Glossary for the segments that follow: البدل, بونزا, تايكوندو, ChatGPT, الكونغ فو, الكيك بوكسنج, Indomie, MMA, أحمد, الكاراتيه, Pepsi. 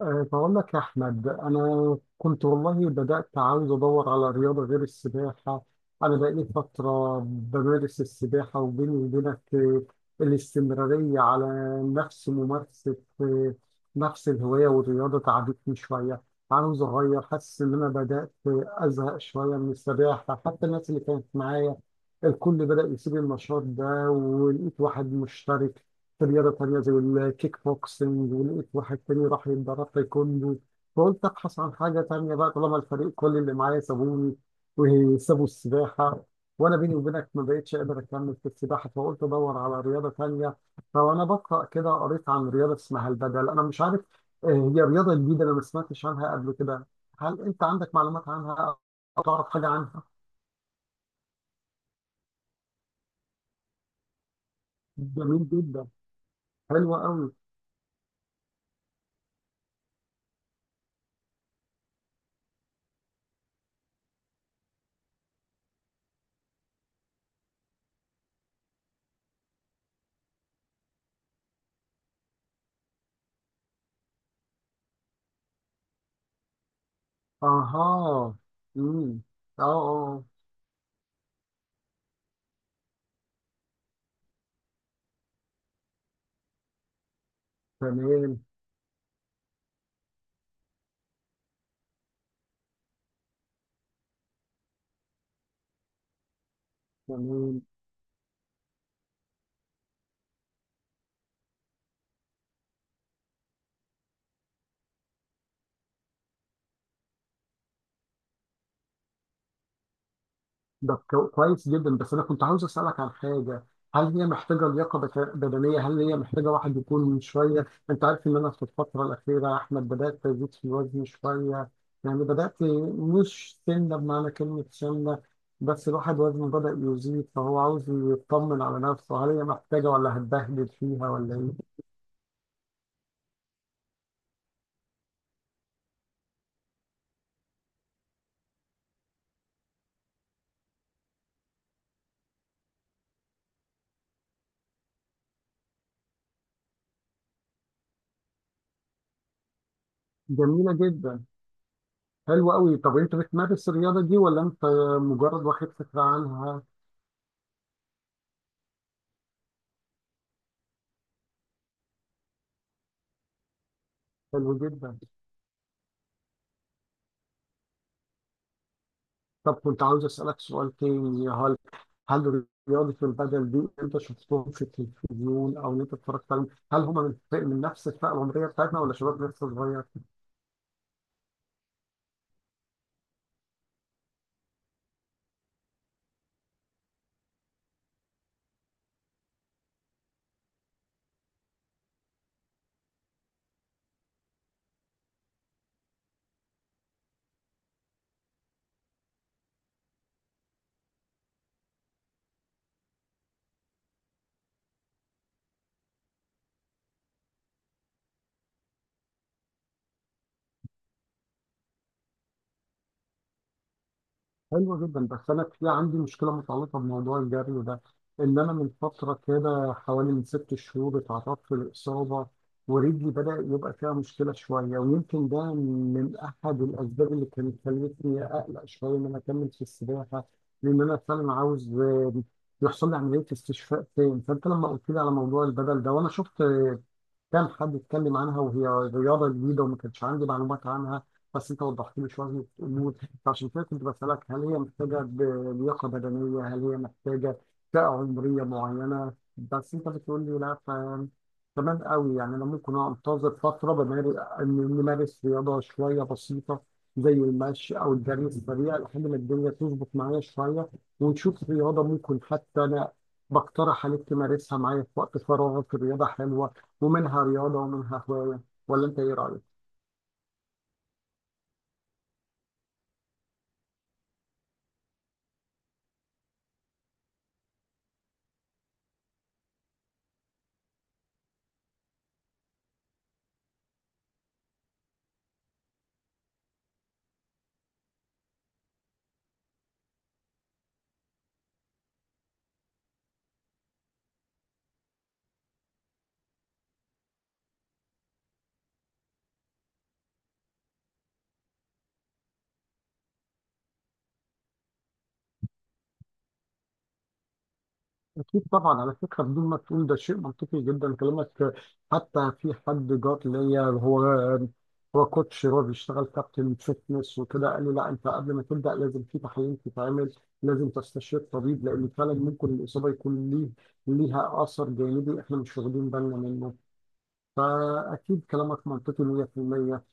بقول لك يا أحمد، أنا كنت والله بدأت عاوز أدور على رياضة غير السباحة. أنا بقالي فترة بمارس السباحة، وبيني وبينك الاستمرارية على نفس ممارسة نفس الهواية والرياضة تعبتني شوية. عاوز أغير، حاسس إن أنا بدأت أزهق شوية من السباحة. حتى الناس اللي كانت معايا الكل بدأ يسيب النشاط ده، ولقيت واحد مشترك في رياضة تانية زي الكيك بوكسنج، ولقيت واحد تاني راح يتدرب تايكوندو. فقلت أبحث عن حاجة تانية بقى طالما الفريق كل اللي معايا سابوني وسابوا السباحة، وأنا بيني وبينك ما بقتش قادر أكمل في السباحة، فقلت أدور على رياضة تانية. فأنا بقرأ كده، قريت عن رياضة اسمها البدل، أنا مش عارف هي رياضة جديدة، أنا ما سمعتش عنها قبل كده. هل أنت عندك معلومات عنها أو تعرف حاجة عنها؟ جميل جدا. حلوة أوي. أها. مم. أه أه آه. تمام تمام. ده كويس جدا، بس انا كنت عاوز اسالك عن حاجه. هل هي محتاجه لياقه بدنيه؟ هل هي محتاجه واحد يكون شويه، انت عارف ان انا في الفتره الاخيره يا احمد بدات ازيد في وزني شويه. يعني بدات، مش سنه بمعنى كلمه سنه، بس الواحد وزنه بدا يزيد، فهو عاوز يطمن على نفسه. هل هي محتاجه ولا هتبهدل فيها ولا ايه؟ جميله جدا. حلوه قوي. طب انت بتمارس الرياضه دي ولا انت مجرد واخد فكره عنها؟ حلو جدا. طب كنت عاوز اسالك سؤال تاني، يا هل رياضه البدل دي انت شفتهم في التلفزيون او إن انت اتفرجت عليهم، هل هم من نفس الفئه العمريه بتاعتنا ولا شباب لسه صغير؟ حلو جدا. بس انا في عندي مشكله متعلقه بموضوع الجري ده. ان انا من فتره كده حوالي من 6 شهور اتعرضت لاصابه، ورجلي بدا يبقى فيها مشكله شويه، ويمكن ده من احد الاسباب اللي كانت خلتني اقلق شويه ان انا اكمل في السباحه، لان انا فعلا عاوز يحصل لي عمليه استشفاء تاني. فانت لما قلت لي على موضوع البدل ده وانا شفت، كان حد اتكلم عنها وهي رياضة جديدة وما كانش عندي معلومات عنها، بس انت وضحت لي شوية امور. فعشان كده كنت بسألك هل هي محتاجة لياقة بدنية، هل هي محتاجة فئة عمرية معينة. بس انت بتقول لي لا، ف تمام قوي. يعني انا ممكن انتظر فترة نمارس رياضة شوية بسيطة زي المشي او الجري السريع لحد ما الدنيا تظبط معايا شوية، ونشوف رياضة ممكن حتى انا بقترح عليك تمارسها معايا في وقت فراغك. الرياضة حلوة، ومنها رياضة ومنها هواية. ولا أنت إيه رأيك؟ أكيد طبعا. على فكرة بدون ما تقول، ده شيء منطقي جدا كلامك. حتى في حد جات ليا، هو كوتش، هو بيشتغل كابتن فيتنس وكده، قال لي لا، أنت قبل ما تبدأ لازم في تحاليل تتعمل، لازم تستشير طبيب، لأن فعلا ممكن الإصابة يكون ليه ليها أثر جانبي إحنا مش واخدين بالنا منه. فأكيد كلامك منطقي 100%.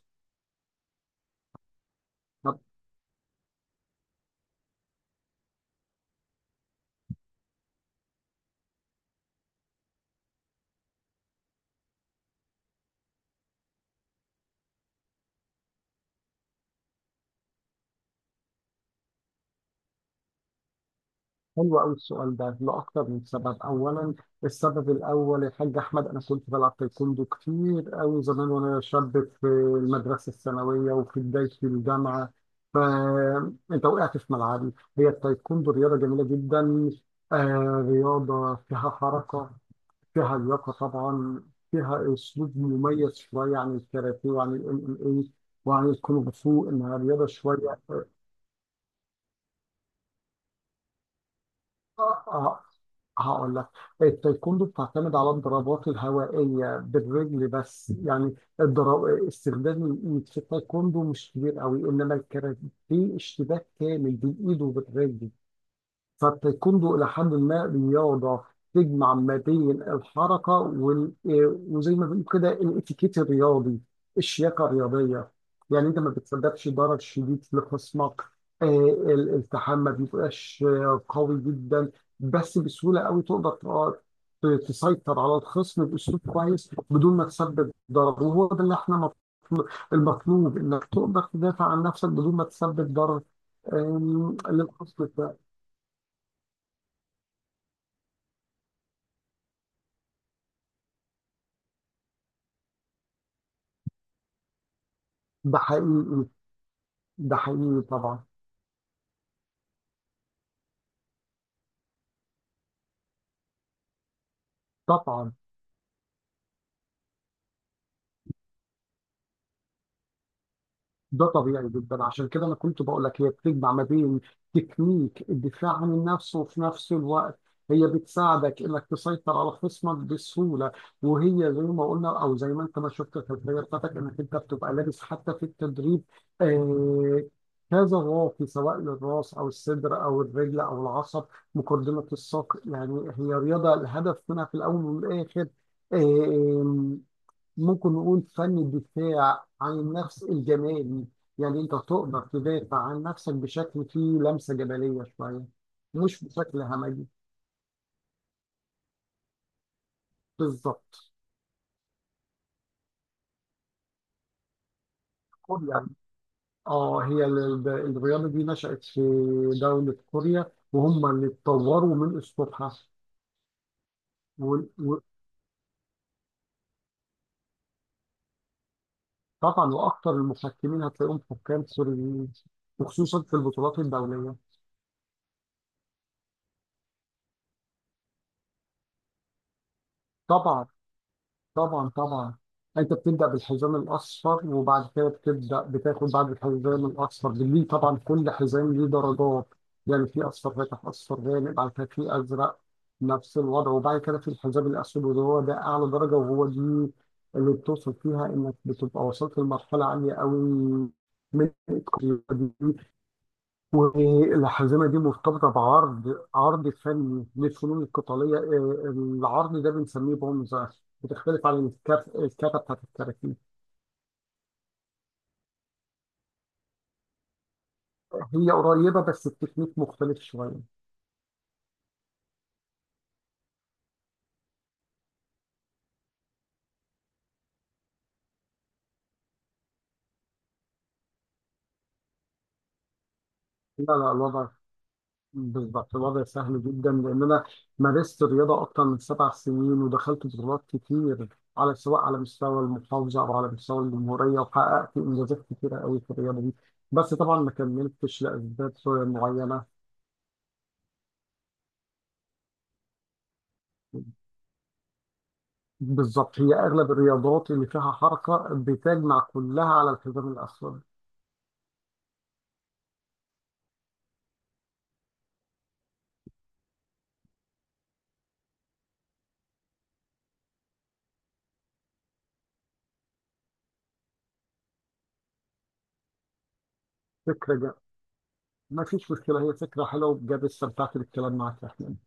حلو قوي السؤال ده لأكتر من سبب، أولاً السبب الأول يا حاج أحمد، أنا كنت بلعب تايكوندو كتير قوي زمان وأنا شاب في المدرسة الثانوية وفي بداية الجامعة. فأنت وقعت في ملعبي، هي التايكوندو رياضة جميلة جدا، آه رياضة فيها حركة، فيها لياقة طبعاً، فيها أسلوب مميز شوية عن الكاراتيه وعن ال MMA وعن الكونغ فو، إنها رياضة شوية. آه، آه، هقول لك، التايكوندو بتعتمد على الضربات الهوائية بالرجل بس يعني. الضرب، استخدام الإيد في التايكوندو مش كبير قوي، إنما الكاراتيه اشتباك كامل بالإيد وبالرجل. فالتايكوندو إلى حد ما رياضة تجمع ما بين الحركة وال... آه، وزي ما بنقول كده الاتيكيت الرياضي، الشياكة الرياضية. يعني أنت ما بتسببش ضرر شديد لخصمك. الالتحام ما بيبقاش قوي جدا، بس بسهولة قوي تقدر تسيطر على الخصم بأسلوب كويس بدون ما تسبب ضرر، وهو ده اللي احنا المطلوب إنك تقدر تدافع عن نفسك بدون ما تسبب ضرر للخصم. ده حقيقي. ده حقيقي طبعا. طبعا، ده طبيعي جدا، عشان كده انا كنت بقول لك هي بتجمع ما بين تكنيك الدفاع عن النفس وفي نفس الوقت هي بتساعدك انك تسيطر على خصمك بسهوله. وهي زي ما قلنا او زي ما انت ما شفت في البدايه بتاعتك انك انت بتبقى لابس حتى في التدريب آه كذا واقي، سواء للراس او الصدر او الرجل او العصب، مقدمه الساق يعني. هي رياضه الهدف منها في الاول والاخر ممكن نقول فن الدفاع عن النفس الجمالي، يعني انت تقدر تدافع عن نفسك بشكل فيه لمسة جمالية شوية، مش بشكل همجي. بالظبط. كوريا. اه هي ال- الرياضة دي نشأت في دولة كوريا، وهم اللي اتطوروا من أسلوبها. وال- وطبعا وأكثر المحكمين هتلاقيهم حكام كوريين، وخصوصا في البطولات الدولية. طبعا. طبعا طبعا. انت بتبدا بالحزام الاصفر، وبعد كده بتبدا بتاخد بعد الحزام الاصفر. ليه؟ طبعا كل حزام ليه درجات، يعني في اصفر فاتح، اصفر غامق، بعد كده في ازرق نفس الوضع، وبعد كده في الحزام الاسود، وهو ده اعلى درجه، وهو دي اللي بتوصل فيها انك بتبقى وصلت لمرحله عاليه قوي من التقدير. والحزمه دي مرتبطه بعرض، عرض فني للفنون القتاليه، العرض ده بنسميه بونزا، بتختلف عن الكفه بتاعت الكاراتيه. هي قريبه بس التكنيك مختلف شويه. لا لا، الوضع بالظبط، الوضع سهل جدا لان انا مارست الرياضه اكتر من 7 سنين، ودخلت بطولات كتير على سواء على مستوى المحافظه او على مستوى الجمهوريه، وحققت انجازات كتيره قوي في الرياضه دي، بس طبعا ما كملتش لاسباب معينه. بالظبط، هي اغلب الرياضات اللي فيها حركه بتجمع كلها على الحزام الاسود. فكره جا. ما فيش مشكله، هي فكره حلوه بجد، استمتعت بالكلام معك يا احمد.